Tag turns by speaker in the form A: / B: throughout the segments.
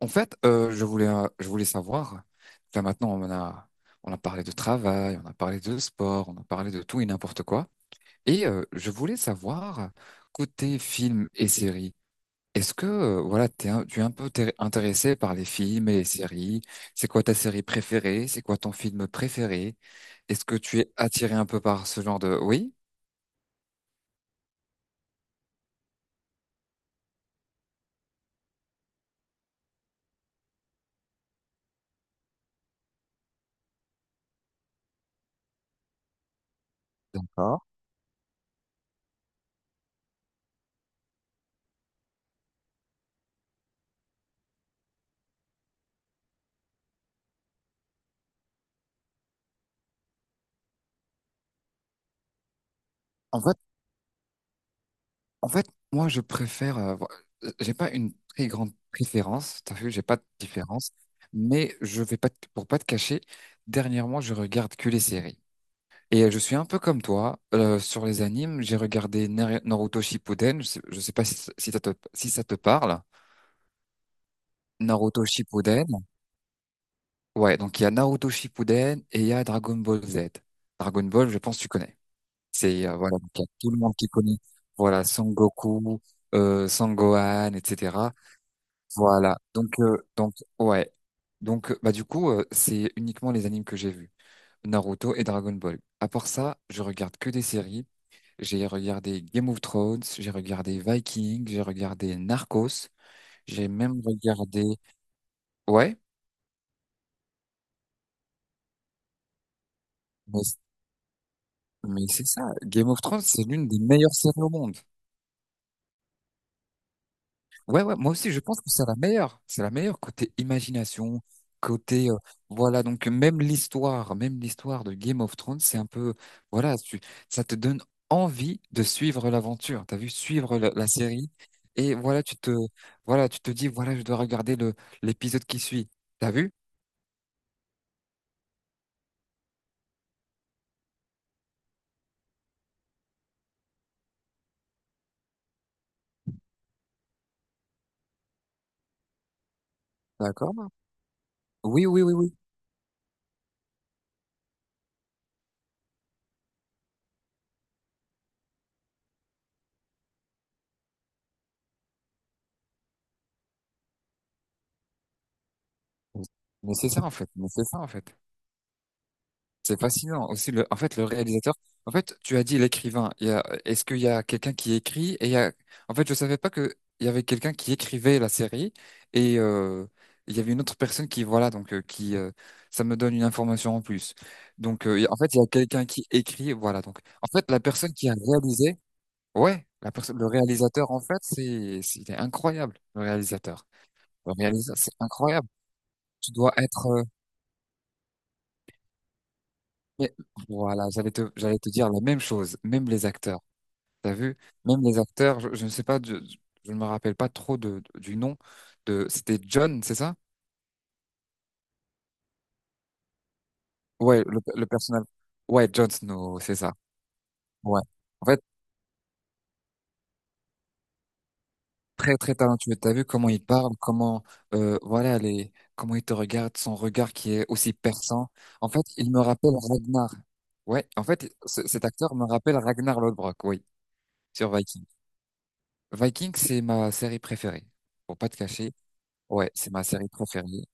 A: En fait, je voulais savoir. Là maintenant on a parlé de travail, on a parlé de sport, on a parlé de tout et n'importe quoi. Et je voulais savoir, côté films et séries, est-ce que voilà, tu es un peu intéressé par les films et les séries? C'est quoi ta série préférée? C'est quoi ton film préféré? Est-ce que tu es attiré un peu par ce genre de. Oui? D'accord. En fait, En fait, moi, je préfère. J'ai pas une très grande préférence. T'as vu, j'ai pas de différence. Mais je vais pas te- Pour pas te cacher. Dernièrement, je regarde que les séries. Et je suis un peu comme toi, sur les animes. J'ai regardé Naruto Shippuden. Je sais pas si ça te, si ça te parle. Naruto Shippuden. Ouais, donc il y a Naruto Shippuden et il y a Dragon Ball Z. Dragon Ball, je pense que tu connais. C'est Voilà, donc il y a tout le monde qui connaît. Voilà, Son Goku, Son Gohan, etc. Voilà. Donc, ouais. Donc, bah, du coup, c'est uniquement les animes que j'ai vus. Naruto et Dragon Ball. À part ça, je regarde que des séries. J'ai regardé Game of Thrones, j'ai regardé Vikings, j'ai regardé Narcos, j'ai même regardé. Ouais, mais, mais c'est ça. Game of Thrones, c'est l'une des meilleures séries au monde. Ouais, ouais, moi aussi, je pense que c'est la meilleure. C'est la meilleure côté imagination, côté, euh, voilà, donc même l'histoire de Game of Thrones, c'est un peu, voilà, ça te donne envie de suivre l'aventure. T'as vu, suivre la série. Et voilà, voilà, tu te dis, voilà, je dois regarder l'épisode qui suit. T'as vu? D'accord? Oui, oui, oui, oui. Mais c'est ça, en fait. Mais c'est ça, en fait. C'est fascinant aussi, en fait, le réalisateur. En fait, tu as dit l'écrivain. Est-ce qu'il y a quelqu'un qui écrit, en fait, je savais pas que il y avait quelqu'un qui écrivait la série, et il y avait une autre personne qui, voilà, donc, qui ça me donne une information en plus. Donc, en fait, il y a quelqu'un qui écrit, voilà, donc, en fait, la personne qui a réalisé, ouais, la personne, le réalisateur, en fait, c'est il est incroyable, le réalisateur. Le réalisateur, c'est incroyable. Tu dois être. Mais- voilà, j'allais te dire la même chose, même les acteurs. T'as vu? Même les acteurs, je ne sais pas, je ne me rappelle pas trop du nom de. C'était John, c'est ça? Ouais, le personnage. Ouais, Jon Snow, c'est ça. Ouais. En fait, très très talentueux. T'as vu comment il parle, comment il te regarde, son regard qui est aussi perçant. En fait, il me rappelle Ragnar. Ouais. En fait, cet acteur me rappelle Ragnar Lodbrok. Oui, sur Viking. Viking, c'est ma série préférée. Pour pas te cacher. Ouais, c'est ma série préférée.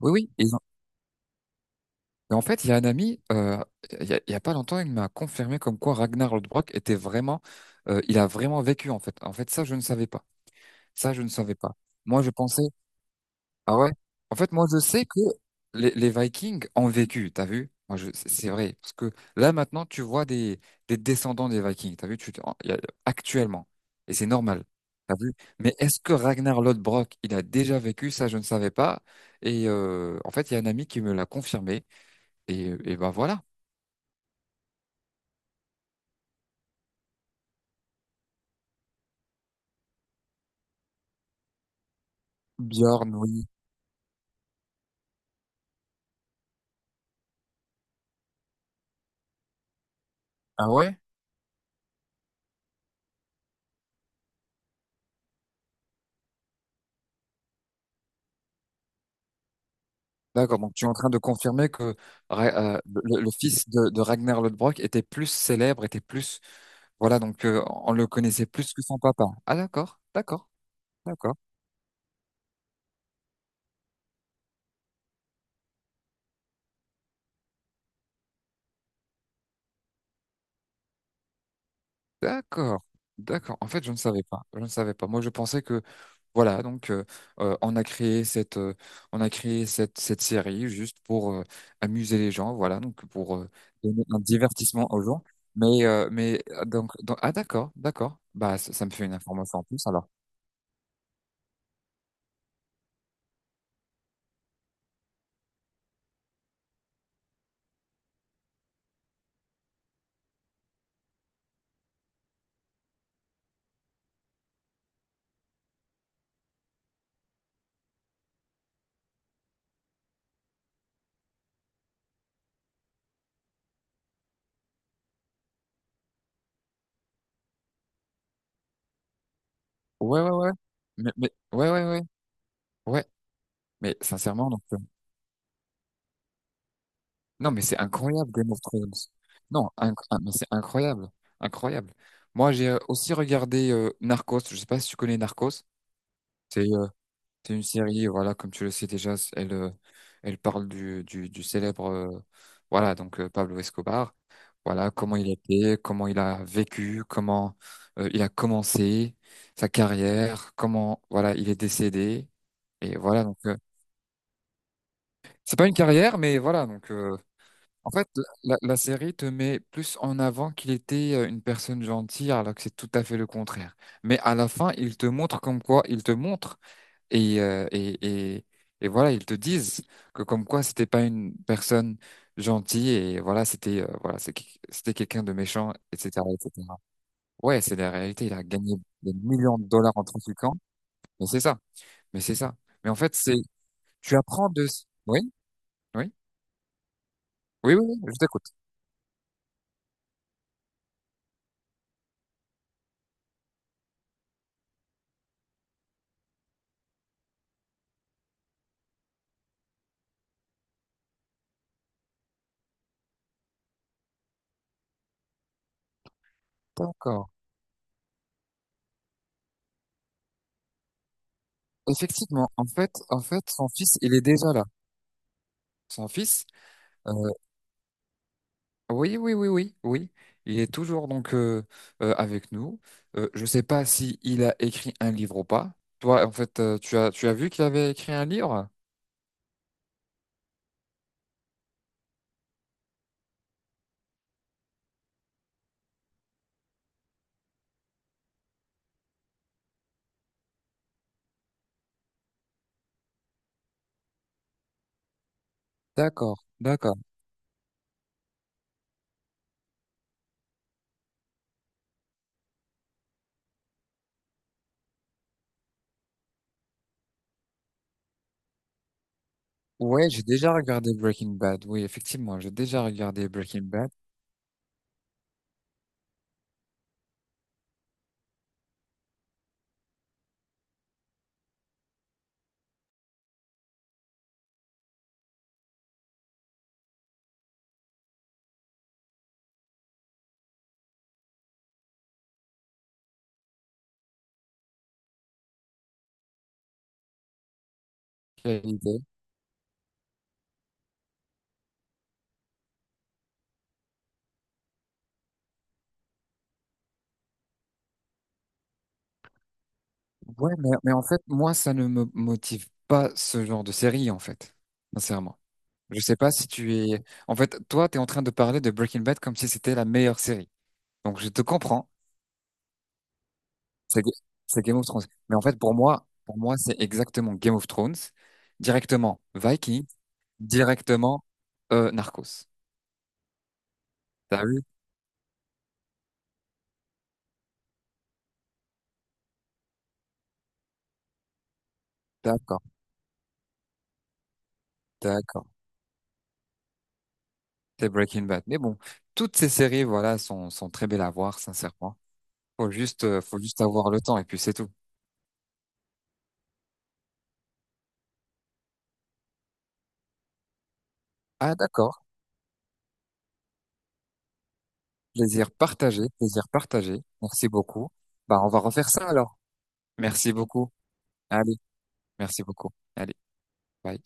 A: Oui, oui. Et en fait, il y a un ami, il y a pas longtemps, il m'a confirmé comme quoi Ragnar Lodbrok était vraiment, il a vraiment vécu, en fait. En fait, ça, je ne savais pas. Ça, je ne savais pas. Moi, je pensais, ah ouais. En fait, moi, je sais que les Vikings ont vécu. T'as vu? Moi, c'est vrai parce que là maintenant, tu vois des descendants des Vikings. T'as vu? Actuellement, et c'est normal. T'as vu? Mais est-ce que Ragnar Lodbrok, il a déjà vécu? Ça, je ne savais pas. Et en fait, il y a un ami qui me l'a confirmé. Et ben voilà. Bjorn, oui. Ah ouais? D'accord, donc tu es en train de confirmer que le fils de Ragnar Lodbrok était plus célèbre, était plus. Voilà, donc, on le connaissait plus que son papa. Ah, d'accord, d'accord, d'accord. D'accord, d'accord. En fait, je ne savais pas. Je ne savais pas. Moi, je pensais que, voilà, donc, on a créé cette, on a créé cette, cette série juste pour, amuser les gens, voilà, donc pour, donner un divertissement aux gens. Mais, ah, d'accord, d'accord. Bah, ça me fait une information en plus alors. Ouais, ouais, ouais. Mais ouais, ouais, ouais, ouais. Mais sincèrement, non, mais c'est incroyable, Game of Thrones. Non, ah, mais c'est incroyable. Incroyable. Moi, j'ai, aussi regardé, Narcos. Je sais pas si tu connais Narcos. C'est euh, c'est une série, voilà, comme tu le sais déjà, elle parle du célèbre, voilà, donc, Pablo Escobar. Voilà, comment il était, comment il a vécu, comment il a commencé sa carrière, comment, voilà, il est décédé. Et voilà, c'est pas une carrière, mais voilà, en fait, la série te met plus en avant qu'il était, une personne gentille, alors que c'est tout à fait le contraire. Mais à la fin, il te montre comme quoi, il te montre, et, euh, et, et, et voilà, ils te disent que, comme quoi, c'était pas une personne gentille et voilà, c'était, voilà, c'était quelqu'un de méchant, etc., etc. Ouais, c'est la réalité. Il a gagné des millions de dollars en trafiquant, mais c'est ça, mais c'est ça. Mais en fait, c'est tu apprends de. Oui, oui, oui, oui, oui, je t'écoute. D'accord. Effectivement, en fait, son fils, il est déjà là. Son fils, euh, oui, oui, oui, oui, oui, il est toujours, donc, avec nous. Je sais pas si il a écrit un livre ou pas. Toi, en fait, tu as vu qu'il avait écrit un livre? D'accord, d'accord. Ouais, j'ai déjà regardé Breaking Bad. Oui, effectivement, j'ai déjà regardé Breaking Bad. Quelle idée. Ouais, mais en fait, moi, ça ne me motive pas ce genre de série, en fait, sincèrement. Je sais pas si tu es. En fait, toi, tu es en train de parler de Breaking Bad comme si c'était la meilleure série. Donc, je te comprends. C'est Ga- c'est Game of Thrones. Mais en fait, pour moi, c'est exactement Game of Thrones, directement Vikings, directement, Narcos. T'as vu? D'accord, d'accord. C'est Breaking Bad. Mais bon, toutes ces séries, voilà, sont très belles à voir, sincèrement. Faut juste avoir le temps et puis c'est tout. Ah, d'accord. Plaisir partagé, plaisir partagé. Merci beaucoup. Bah, on va refaire ça alors. Merci beaucoup. Allez. Merci beaucoup. Allez, bye.